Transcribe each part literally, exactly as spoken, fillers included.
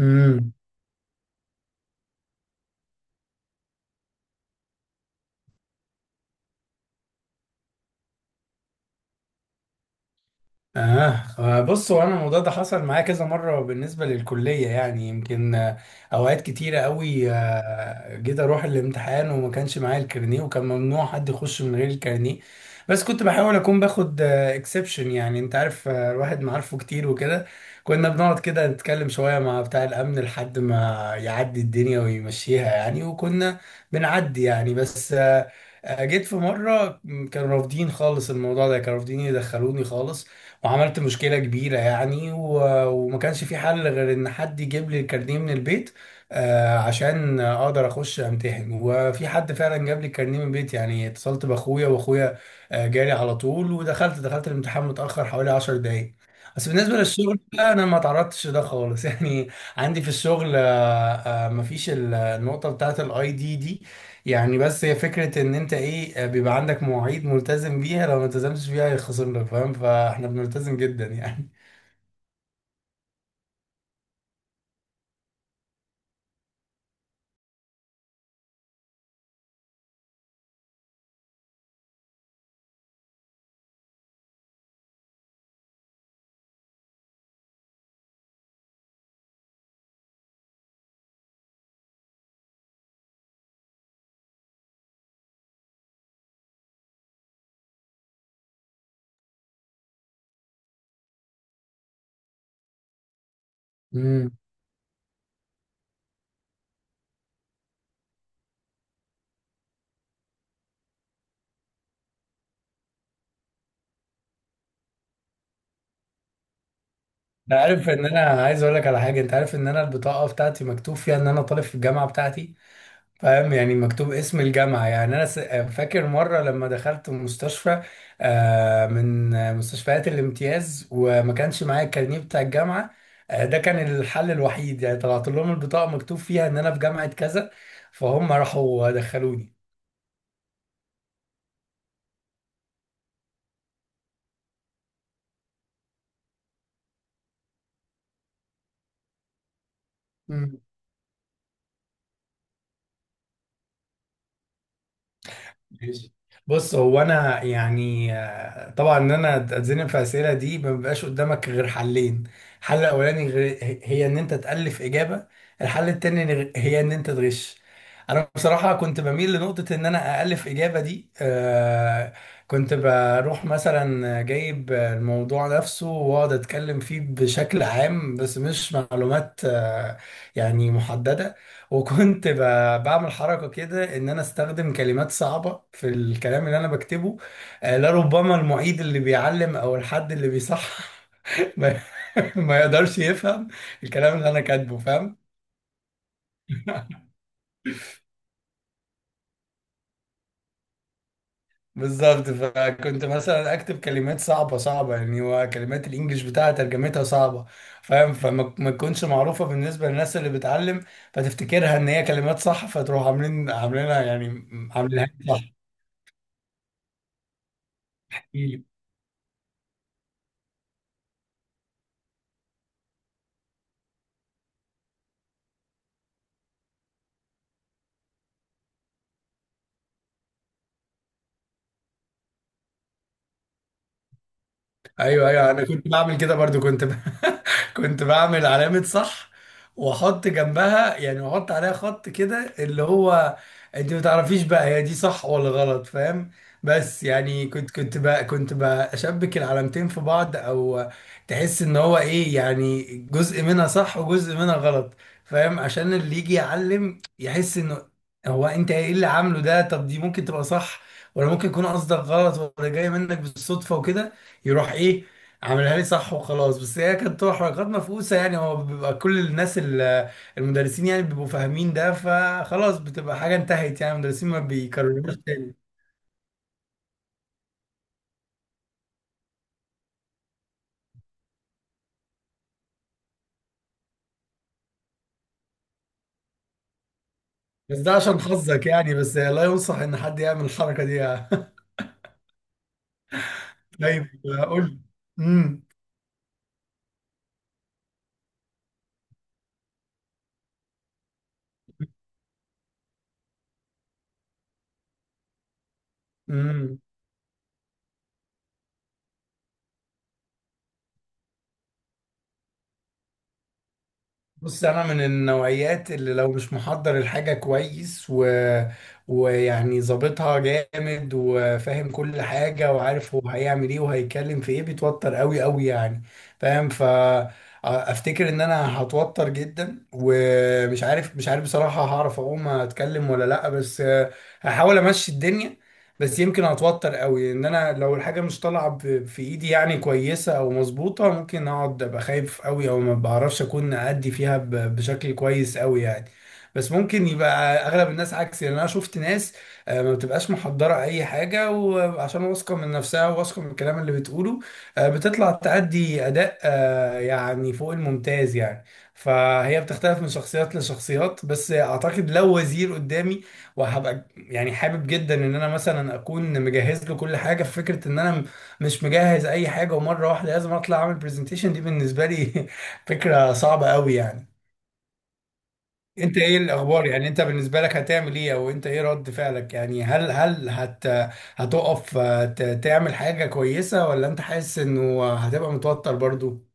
امم اه بص، هو انا الموضوع ده حصل معايا كذا مره بالنسبه للكليه. يعني يمكن آه، اوقات كتيره قوي، آه، جيت اروح الامتحان وما كانش معايا الكارنيه، وكان ممنوع حد يخش من غير الكارنيه. بس كنت بحاول اكون باخد اكسبشن، يعني انت عارف، آه، الواحد معارفه كتير وكده. كنا بنقعد كده نتكلم شويه مع بتاع الامن لحد ما يعدي الدنيا ويمشيها يعني، وكنا بنعدي يعني. بس آه، آه، جيت في مرة م، كانوا رافضين خالص الموضوع ده، كانوا رافضين يدخلوني خالص، وعملت مشكلة كبيرة يعني، و- وما كانش في حل غير ان حد يجيب لي الكارنيه من البيت، آه، عشان اقدر اخش امتحن. وفي حد فعلا جاب لي الكارنيه من البيت، يعني اتصلت باخويا، واخويا آه، جالي على طول، ودخلت دخلت الامتحان متأخر حوالي عشر دقايق. بس بالنسبة للشغل بقى، انا ما تعرضتش ده خالص يعني. عندي في الشغل آه، آه، مفيش ال- النقطة بتاعت الاي دي دي، يعني. بس هي فكرة ان انت ايه، آه، بيبقى عندك مواعيد ملتزم بيها، لو ما التزمتش بيها هيخصم لك، فاهم؟ فاحنا بنلتزم جدا يعني. امم، انت عارف ان انا عايز اقول لك على حاجة؟ انت عارف ان انا البطاقة بتاعتي مكتوب فيها ان انا طالب في الجامعة بتاعتي، فاهم؟ يعني مكتوب اسم الجامعة. يعني انا س- آه، فاكر مرة لما دخلت مستشفى، آه، من آه، مستشفيات الامتياز، وما كانش معايا الكارنيه بتاع الجامعة. آه، ده كان الحل الوحيد، يعني طلعت لهم البطاقة مكتوب فيها ان انا في جامعة كذا، فهم راحوا دخلوني. مم. ماشي. بص، هو انا يعني، آه، طبعا ان انا اتزنق في الاسئله دي ما بيبقاش قدامك غير حلين. الحل الاولاني غير- هي ان انت تالف اجابه. الحل التاني غ- هي ان انت تغش. انا بصراحه كنت بميل لنقطه ان انا الف اجابه دي. آه، كنت بروح مثلا جايب الموضوع نفسه واقعد اتكلم فيه بشكل عام، بس مش معلومات آه، يعني محدده. وكنت ب- بعمل حركة كده، إن أنا أستخدم كلمات صعبة في الكلام اللي أنا بكتبه، آه، لربما المعيد اللي بيعلم أو الحد اللي بيصحح ما ما يقدرش يفهم الكلام اللي أنا كاتبه، فاهم؟ بالظبط. فكنت مثلا أكتب كلمات صعبة صعبة يعني، وكلمات الإنجليش بتاعها ترجمتها صعبة، فاهم؟ فما ما تكونش معروفة بالنسبة للناس اللي بتعلم، فتفتكرها إن هي كلمات صح، فتروح عاملين عاملينها يعني عاملينها صح. ايوه، ايوه، انا كنت بعمل كده برضو. كنت ب... كنت بعمل علامة صح، واحط جنبها يعني، واحط عليها خط كده، اللي هو انت ما تعرفيش بقى هي دي صح ولا غلط، فاهم؟ بس يعني كنت كنت بقى كنت بشبك العلامتين في بعض، او تحس ان هو ايه يعني، جزء منها صح وجزء منها غلط، فاهم؟ عشان اللي يجي يعلم يحس انه، هو انت ايه اللي عامله ده؟ طب دي ممكن تبقى صح، ولا ممكن يكون قصدك غلط، ولا جاي منك بالصدفة وكده. يروح ايه، عملها لي صح وخلاص. بس هي كانت تبقى حركات مفقوسه يعني، هو بيبقى كل الناس ال- المدرسين يعني بيبقوا فاهمين ده، فخلاص بتبقى حاجه انتهت، يعني المدرسين ما بيكرروش تاني. بس ده عشان حظك يعني، بس لا ينصح ان حد يعمل الحركه دي يعني. طيب قول. امم، بص انا من النوعيات اللي لو مش محضر الحاجه كويس و... ويعني ظابطها جامد وفاهم كل حاجه وعارف هو هيعمل ايه وهيتكلم في ايه، بيتوتر قوي قوي يعني، فاهم؟ ف افتكر ان انا هتوتر جدا، ومش عارف، مش عارف بصراحه هعرف اقوم اتكلم ولا لا، بس هحاول امشي الدنيا. بس يمكن اتوتر قوي، ان انا لو الحاجه مش طالعه ب- في ايدي يعني كويسه او مظبوطه، ممكن اقعد ابقى خايف قوي، او ما بعرفش اكون ادي فيها ب- بشكل كويس قوي يعني. بس ممكن يبقى اغلب الناس عكسي، لان انا شفت ناس آه، ما بتبقاش محضره اي حاجه، وعشان واثقه من نفسها وواثقه من الكلام اللي بتقوله، آه، بتطلع تأدي اداء آه، يعني فوق الممتاز يعني. فهي بتختلف من شخصيات لشخصيات. بس اعتقد لو وزير قدامي، وهبقى يعني حابب جدا ان انا مثلا اكون مجهز له كل حاجه، في فكره ان انا م- مش مجهز اي حاجه ومره واحده لازم اطلع اعمل برزنتيشن، دي بالنسبه لي فكره صعبه قوي يعني. انت ايه الاخبار يعني؟ انت بالنسبه لك هتعمل ايه، او انت ايه رد فعلك يعني؟ هل هل هت هتقف آه، ت- تعمل حاجه كويسه، ولا انت حاسس انه هتبقى متوتر برضو؟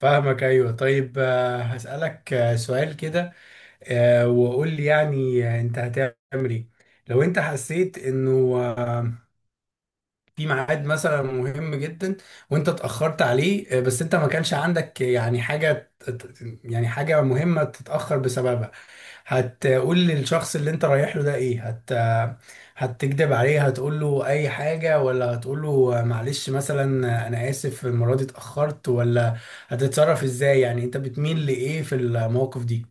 فاهمك. ايوه. طيب آه، هسألك آه، سؤال كده، آه، وقول لي يعني، آه، انت هتعمل ايه لو انت حسيت انه في ميعاد مثلا مهم جدا، وانت اتأخرت عليه، آه، بس انت ما كانش عندك يعني حاجة تت- يعني حاجة مهمة تتأخر بسببها؟ هتقول للشخص اللي انت رايح له ده ايه؟ هت هتكدب عليه، هتقول له اي حاجة، ولا هتقول له معلش مثلا، انا اسف المرة دي اتأخرت، ولا هتتصرف ازاي يعني؟ انت بتميل لايه في المواقف دي؟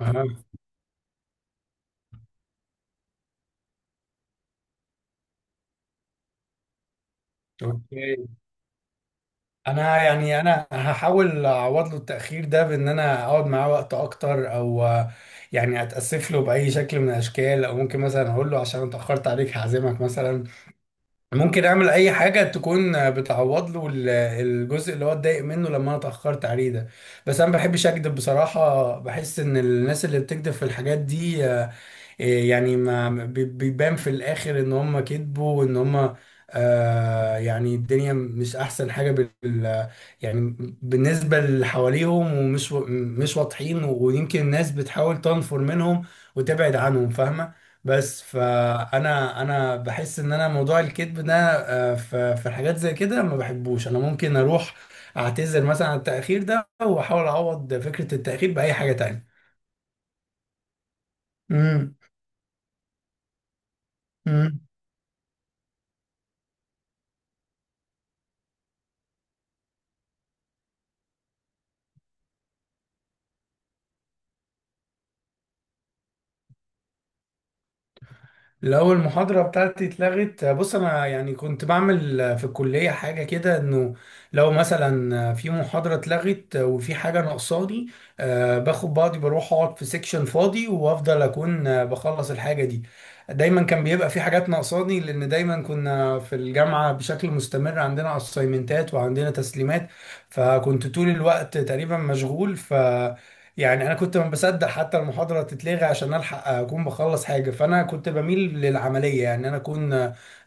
اه، اوكي. انا يعني، انا هحاول اعوض له التاخير ده بان انا اقعد معاه وقت اكتر، او آه، يعني اتاسف له باي شكل من الاشكال، او ممكن مثلا اقول له عشان اتاخرت عليك هعزمك مثلا. ممكن اعمل اي حاجه تكون آه، بتعوض له ال- الجزء اللي هو اتضايق منه لما انا اتاخرت عليه ده. بس انا ما بحبش اكذب بصراحه، بحس ان الناس اللي بتكذب في الحاجات دي إيه يعني، ما بي- بيبان في الاخر ان هم كذبوا، وان هم آه يعني الدنيا مش احسن حاجه بال يعني بالنسبه اللي حواليهم، ومش و- مش واضحين، ويمكن الناس بتحاول تنفر منهم وتبعد عنهم، فاهمه؟ بس فانا انا بحس ان انا موضوع الكذب ده آه، في في حاجات زي كده ما بحبوش. انا ممكن اروح اعتذر مثلا عن التاخير ده، واحاول اعوض فكره التاخير باي حاجه تانية. امم. لو المحاضرة بتاعتي اتلغت، بص أنا يعني كنت بعمل في الكلية حاجة كده، إنه لو مثلا في محاضرة اتلغت وفي حاجة ناقصاني، آه، باخد بعضي بروح أقعد في سيكشن فاضي، وأفضل أكون آه، بخلص الحاجة دي. دايما كان بيبقى في حاجات ناقصاني، لأن دايما كنا في الجامعة بشكل مستمر عندنا أسايمنتات وعندنا تسليمات، فكنت طول الوقت تقريبا مشغول. ف يعني انا كنت ما بصدق حتى المحاضره تتلغي عشان الحق اكون بخلص حاجه. فانا كنت بميل للعمليه، يعني انا اكون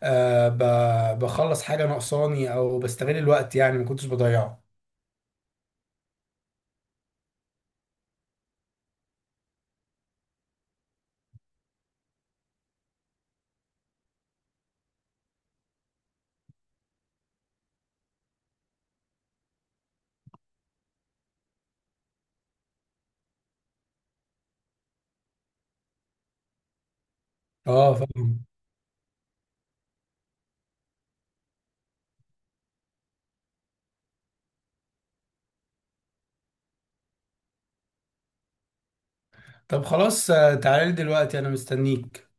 آه، ب- بخلص حاجه ناقصاني، او بستغل الوقت يعني ما كنتش بضيعه. اه، فاهم. طب خلاص، آه، تعالى لي دلوقتي انا مستنيك.